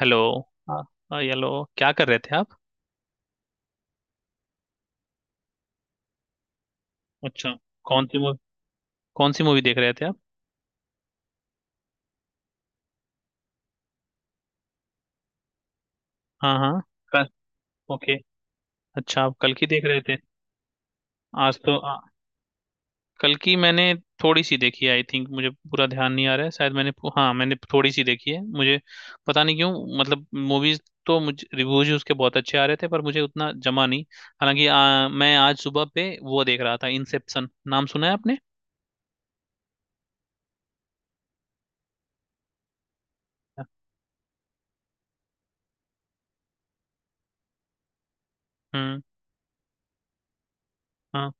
Hello. हाँ, हाँ, hello. क्या कर रहे थे आप? अच्छा। कौन सी मूवी? कौन सी मूवी देख रहे थे आप? हाँ, हाँ। कल। ओके। अच्छा, आप कल की देख रहे थे? आज तो कल की मैंने थोड़ी सी देखी है, आई थिंक मुझे पूरा ध्यान नहीं आ रहा है, शायद मैंने हाँ, मैंने थोड़ी सी देखी है। मुझे पता नहीं क्यों, मतलब मूवीज तो मुझे रिव्यूज उसके बहुत अच्छे आ रहे थे पर मुझे उतना जमा नहीं। हालांकि मैं आज सुबह पे वो देख रहा था। इंसेप्शन नाम सुना है आपने? हम्म। हाँ,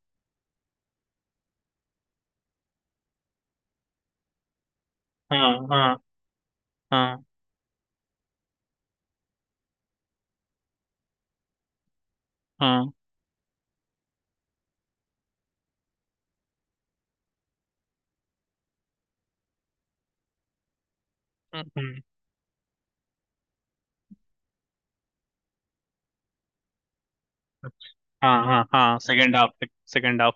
हाँ। हाँ, हाँ। हाँ, हम्म, हाँ, हाँ, हाँ सेकंड हाफ। Second half.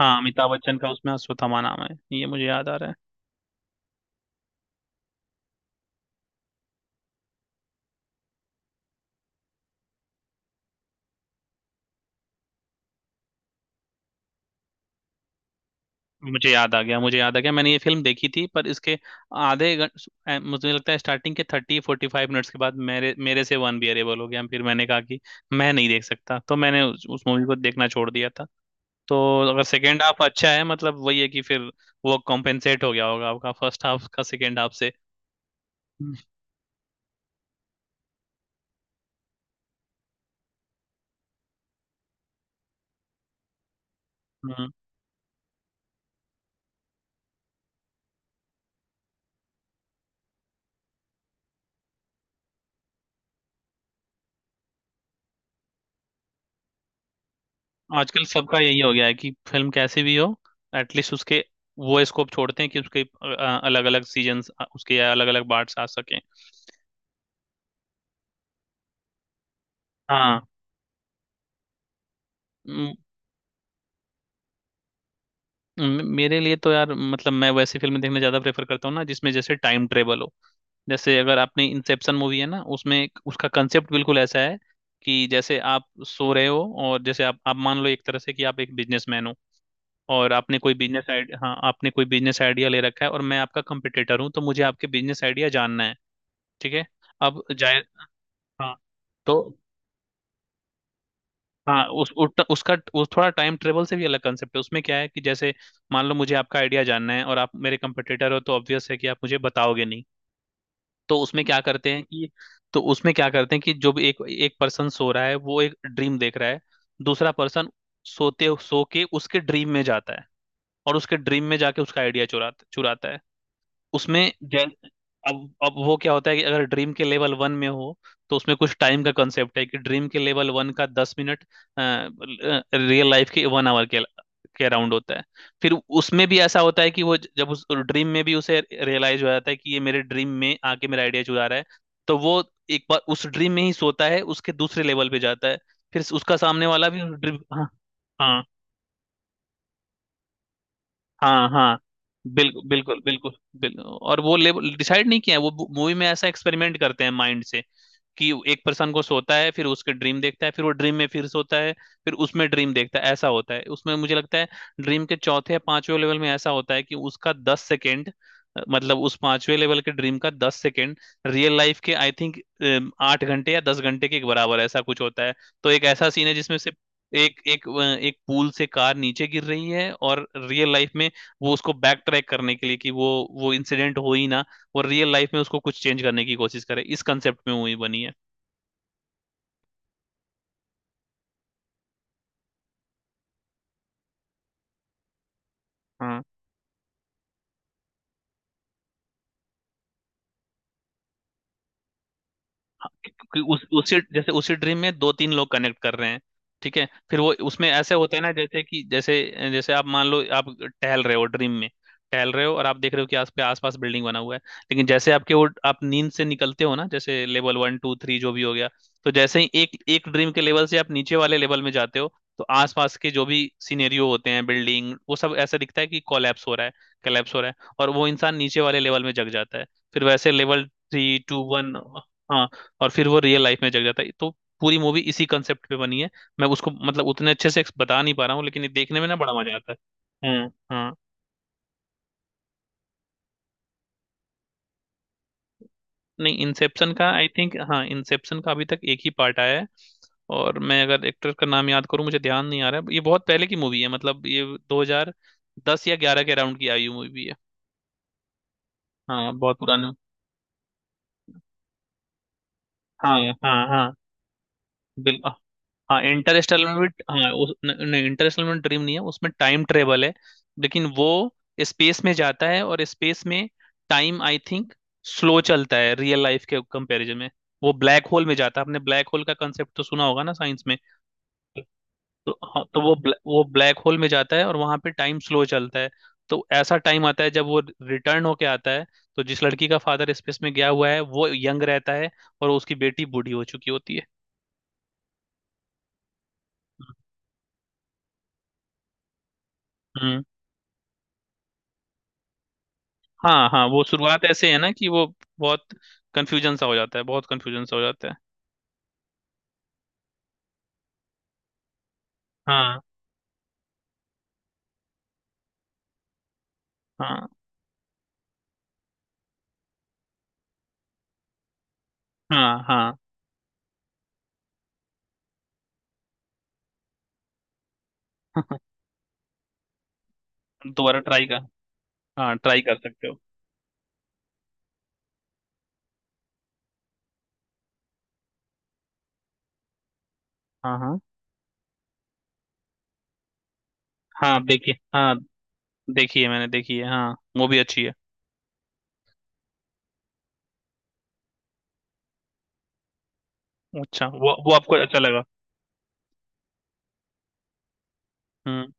हाँ, अमिताभ बच्चन का उसमें अश्वत्थामा नाम है। ये मुझे याद आ रहा है। मुझे याद आ गया, मुझे याद आ गया, मैंने ये फिल्म देखी थी पर इसके आधे घंटे, मुझे लगता है स्टार्टिंग के थर्टी फोर्टी फाइव मिनट्स के बाद मेरे मेरे से वन अरेबल हो गया। फिर मैंने कहा कि मैं नहीं देख सकता, तो मैंने उस मूवी को देखना छोड़ दिया था। तो अगर सेकेंड हाफ अच्छा है, मतलब वही है कि फिर वो कॉम्पेंसेट हो गया होगा आपका फर्स्ट हाफ का सेकेंड हाफ से। आजकल सबका यही हो गया है कि फिल्म कैसी भी हो, एटलीस्ट उसके, वो स्कोप छोड़ते हैं कि उसके अलग अलग सीजन्स, उसके अलग अलग पार्ट्स आ सकें। हाँ। म- मेरे लिए तो यार, मतलब मैं वैसी फिल्में देखना ज्यादा प्रेफर करता हूँ ना, जिसमें जैसे टाइम ट्रेवल हो। जैसे अगर आपने इंसेप्शन मूवी है ना, उसमें उसका कंसेप्ट बिल्कुल ऐसा है कि जैसे आप सो रहे हो, और जैसे आप मान लो एक तरह से कि आप एक बिजनेसमैन हो, और आपने कोई बिजनेस आइडिया, हाँ, आपने कोई बिजनेस आइडिया ले रखा है और मैं आपका कंपटीटर हूँ, तो मुझे आपके बिजनेस आइडिया जानना है। ठीक है। अब जाए। हाँ। तो हाँ, उसका उस थोड़ा टाइम ट्रेवल से भी अलग कंसेप्ट है। उसमें क्या है कि जैसे मान लो मुझे आपका आइडिया जानना है और आप मेरे कंपटीटर हो, तो ऑब्वियस है कि आप मुझे बताओगे नहीं। तो उसमें क्या करते हैं कि, तो उसमें क्या करते हैं कि जो भी एक एक पर्सन सो रहा है वो एक ड्रीम देख रहा है, दूसरा पर्सन सोते सो के उसके ड्रीम में जाता है, और उसके ड्रीम में जाके उसका आइडिया चुराता चुराता है। उसमें अब अब वो क्या होता है कि अगर ड्रीम के लेवल वन में हो, तो उसमें कुछ टाइम का कंसेप्ट है कि ड्रीम के लेवल वन का 10 मिनट रियल लाइफ के वन आवर के अराउंड होता है। फिर उसमें भी ऐसा होता है कि वो जब उस ड्रीम में भी उसे रियलाइज हो जाता है कि ये मेरे ड्रीम में आके मेरा आइडिया चुरा रहा है, तो वो एक बार उस ड्रीम में ही सोता है, उसके दूसरे लेवल पे जाता है। फिर उसका सामने वाला भी उस ड्रीम। हाँ। हाँ, हाँ, हाँ, बिल्कुल बिल्कुल बिल्कुल, बिल्कुल। और वो लेवल डिसाइड नहीं किया है, वो मूवी में ऐसा एक्सपेरिमेंट करते हैं माइंड से कि एक पर्सन को सोता है, फिर उसके ड्रीम देखता है, फिर वो ड्रीम में फिर सोता है, फिर उसमें ड्रीम देखता है। ऐसा होता है उसमें, मुझे लगता है ड्रीम के चौथे या पांचवें लेवल में ऐसा होता है कि उसका 10 सेकेंड, मतलब उस पांचवें लेवल के ड्रीम का 10 सेकेंड, रियल लाइफ के आई थिंक 8 घंटे या 10 घंटे के बराबर, ऐसा कुछ होता है। तो एक ऐसा सीन है जिसमें से एक एक अ, एक पूल से कार नीचे गिर रही है, और रियल लाइफ में वो उसको बैक ट्रैक करने के लिए कि वो इंसिडेंट हो ही ना। और रियल लाइफ में उसको कुछ चेंज करने की कोशिश करे, इस कंसेप्ट में मूवी बनी है। हाँ, हाँ, क्योंकि उस उसी जैसे उसी ड्रीम में दो तीन लोग कनेक्ट कर रहे हैं, ठीक है। फिर वो उसमें ऐसे होता है ना, जैसे कि जैसे, जैसे आप मान लो आप टहल रहे हो ड्रीम में, टहल रहे हो और आप देख रहे हो कि आस पे आसपास बिल्डिंग बना हुआ है, लेकिन जैसे आपके वो आप नींद से निकलते हो ना, जैसे लेवल वन टू थ्री जो भी हो गया, तो जैसे ही एक एक ड्रीम के लेवल से आप नीचे वाले लेवल में जाते हो, तो आसपास के जो भी सिनेरियो होते हैं, बिल्डिंग, वो सब ऐसा दिखता है कि कोलैप्स हो रहा है, कोलैप्स हो रहा है, और वो इंसान नीचे वाले लेवल में जग जाता है, फिर वैसे लेवल थ्री टू वन, और फिर वो रियल लाइफ में जग जाता है, तो पूरी मूवी इसी कंसेप्ट पे बनी है। मैं उसको मतलब उतने अच्छे से बता नहीं पा रहा हूँ, लेकिन ये देखने में ना बड़ा मजा आता है। हम्म। हाँ। नहीं इंसेप्शन का आई थिंक, हाँ इंसेप्शन का अभी तक एक ही पार्ट आया है। और मैं अगर एक्टर का नाम याद करूँ, मुझे ध्यान नहीं आ रहा है। ये बहुत पहले की मूवी है, मतलब ये 2010 या 11 के अराउंड की आई हुई मूवी है। हाँ, बहुत पुरानी। हाँ, हाँ, हाँ, बिल। हाँ, इंटरस्टेलर में भी, हाँ, उस, न- नहीं, इंटरस्टेलर में ड्रीम नहीं है, उसमें टाइम ट्रेवल है। लेकिन वो स्पेस में जाता है, और स्पेस में टाइम आई थिंक स्लो चलता है रियल लाइफ के कंपैरिजन में। वो ब्लैक होल में जाता है। आपने ब्लैक होल का कंसेप्ट तो सुना होगा ना साइंस में। तो हाँ, तो वो वो ब्लैक होल में जाता है, और वहां पे टाइम स्लो चलता है, तो ऐसा टाइम आता है जब वो रिटर्न होके आता है, तो जिस लड़की का फादर स्पेस में गया हुआ है वो यंग रहता है, और उसकी बेटी बूढ़ी हो चुकी होती है। हम्म। हाँ, हाँ, वो शुरुआत ऐसे है ना कि वो बहुत कंफ्यूजन सा हो जाता है, बहुत कंफ्यूजन सा हो जाता है। हाँ, हाँ, हाँ, हाँ। दोबारा ट्राई कर, हाँ ट्राई कर सकते हो। हाँ, हाँ, हाँ, देखिए, हाँ, देखी है, मैंने देखी है। हाँ, वो भी अच्छी है। अच्छा, वो आपको अच्छा लगा। हम्म।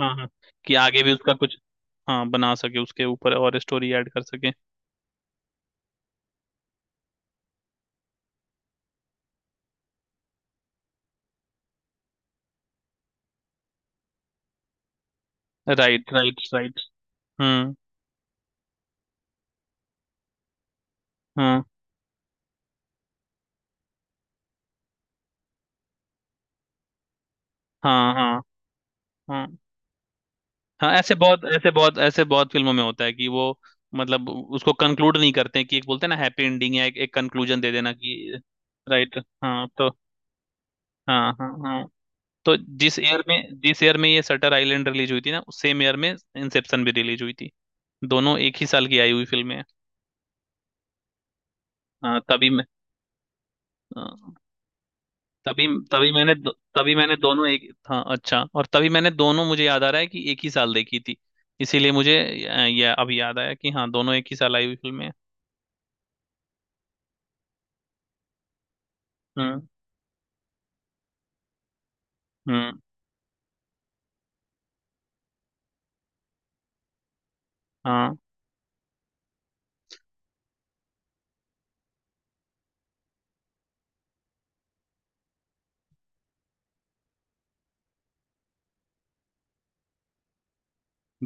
हाँ, हाँ, कि आगे भी उसका कुछ, हाँ, बना सके उसके ऊपर और स्टोरी ऐड कर सके। Right, right, right. हम्म। हाँ, हाँ, हाँ, हाँ, हाँ ऐसे बहुत, ऐसे बहुत, ऐसे बहुत फिल्मों में होता है कि वो, मतलब उसको कंक्लूड नहीं करते, कि एक बोलते हैं ना हैप्पी एंडिंग, या एक, एक कंक्लूजन दे देना कि। राइट। हाँ। तो हाँ, हाँ, हाँ, तो जिस ईयर में, जिस ईयर में ये सटर आइलैंड रिलीज हुई थी ना, उस सेम ईयर में इंसेप्शन भी रिलीज हुई थी। दोनों एक ही साल की आई हुई फिल्में हैं। हाँ तभी मैं, हाँ, तभी, तभी मैंने तभी मैंने दोनों एक, हाँ अच्छा, और तभी मैंने दोनों, मुझे याद आ रहा है कि एक ही साल देखी थी, इसीलिए मुझे ये अब याद आया कि हाँ, दोनों एक ही साल आई हुई फिल्में हैं। हम्म। हाँ,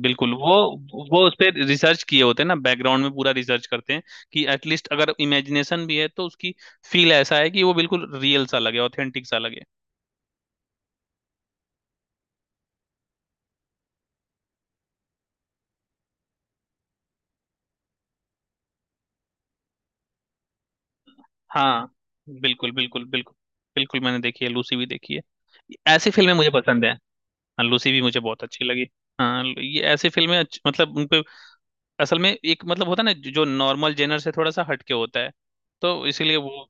बिल्कुल, वो उस पर रिसर्च किए होते हैं ना, बैकग्राउंड में पूरा रिसर्च करते हैं कि एटलीस्ट अगर इमेजिनेशन भी है तो उसकी फील ऐसा है कि वो बिल्कुल रियल सा लगे, ऑथेंटिक सा लगे। हाँ, बिल्कुल बिल्कुल बिल्कुल, बिल्कुल मैंने देखी है, लूसी भी देखी है। ऐसी फिल्में मुझे पसंद है। हाँ, लूसी भी मुझे बहुत अच्छी लगी। हाँ, ये ऐसी फिल्में मतलब उन पे असल में एक मतलब होता है ना, जो नॉर्मल जेनर से थोड़ा सा हटके होता है, तो इसीलिए वो,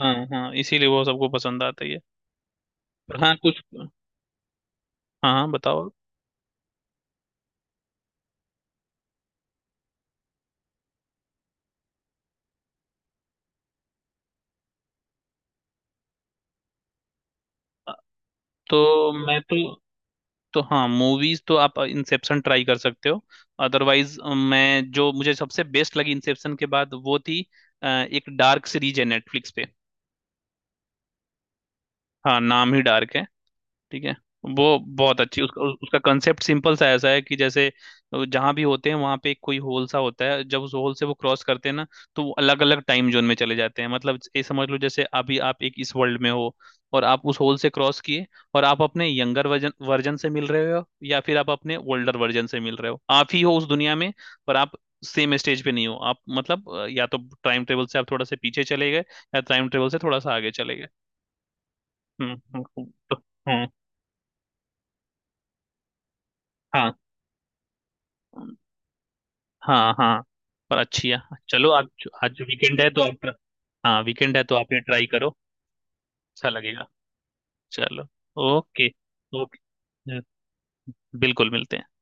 हाँ, हाँ इसीलिए वो सबको पसंद आता ही है। पर हाँ कुछ, हाँ, हाँ बताओ। तो मैं तो हाँ, मूवीज तो आप इंसेप्शन ट्राई कर सकते हो, अदरवाइज मैं जो मुझे सबसे बेस्ट लगी इंसेप्शन के बाद, वो थी एक डार्क सीरीज है नेटफ्लिक्स पे। हाँ, नाम ही डार्क है। ठीक है। वो बहुत अच्छी, उसका उसका कंसेप्ट सिंपल सा ऐसा है कि जैसे जहां भी होते हैं वहां पे एक कोई होल सा होता है, जब उस होल से वो क्रॉस करते हैं ना, तो वो अलग अलग टाइम जोन में चले जाते हैं। मतलब ये समझ लो जैसे अभी आप एक इस वर्ल्ड में हो, और आप उस होल से क्रॉस किए, और आप अपने यंगर वर्जन वर्जन से मिल रहे हो, या फिर आप अपने ओल्डर वर्जन से मिल रहे हो, आप ही हो उस दुनिया में, पर आप सेम स्टेज पे नहीं हो। आप मतलब या तो टाइम ट्रेवल से आप थोड़ा सा पीछे चले गए, या टाइम ट्रेवल से थोड़ा सा आगे चले गए। हम्म, हम्म, तो- हम्म, हाँ, हाँ, हाँ, पर अच्छी है। चलो आप, आज वीकेंड है तो आप, हाँ वीकेंड है तो आप ये ट्राई करो। अच्छा लगेगा। चलो। ओके। ओके। बिल्कुल, मिलते हैं।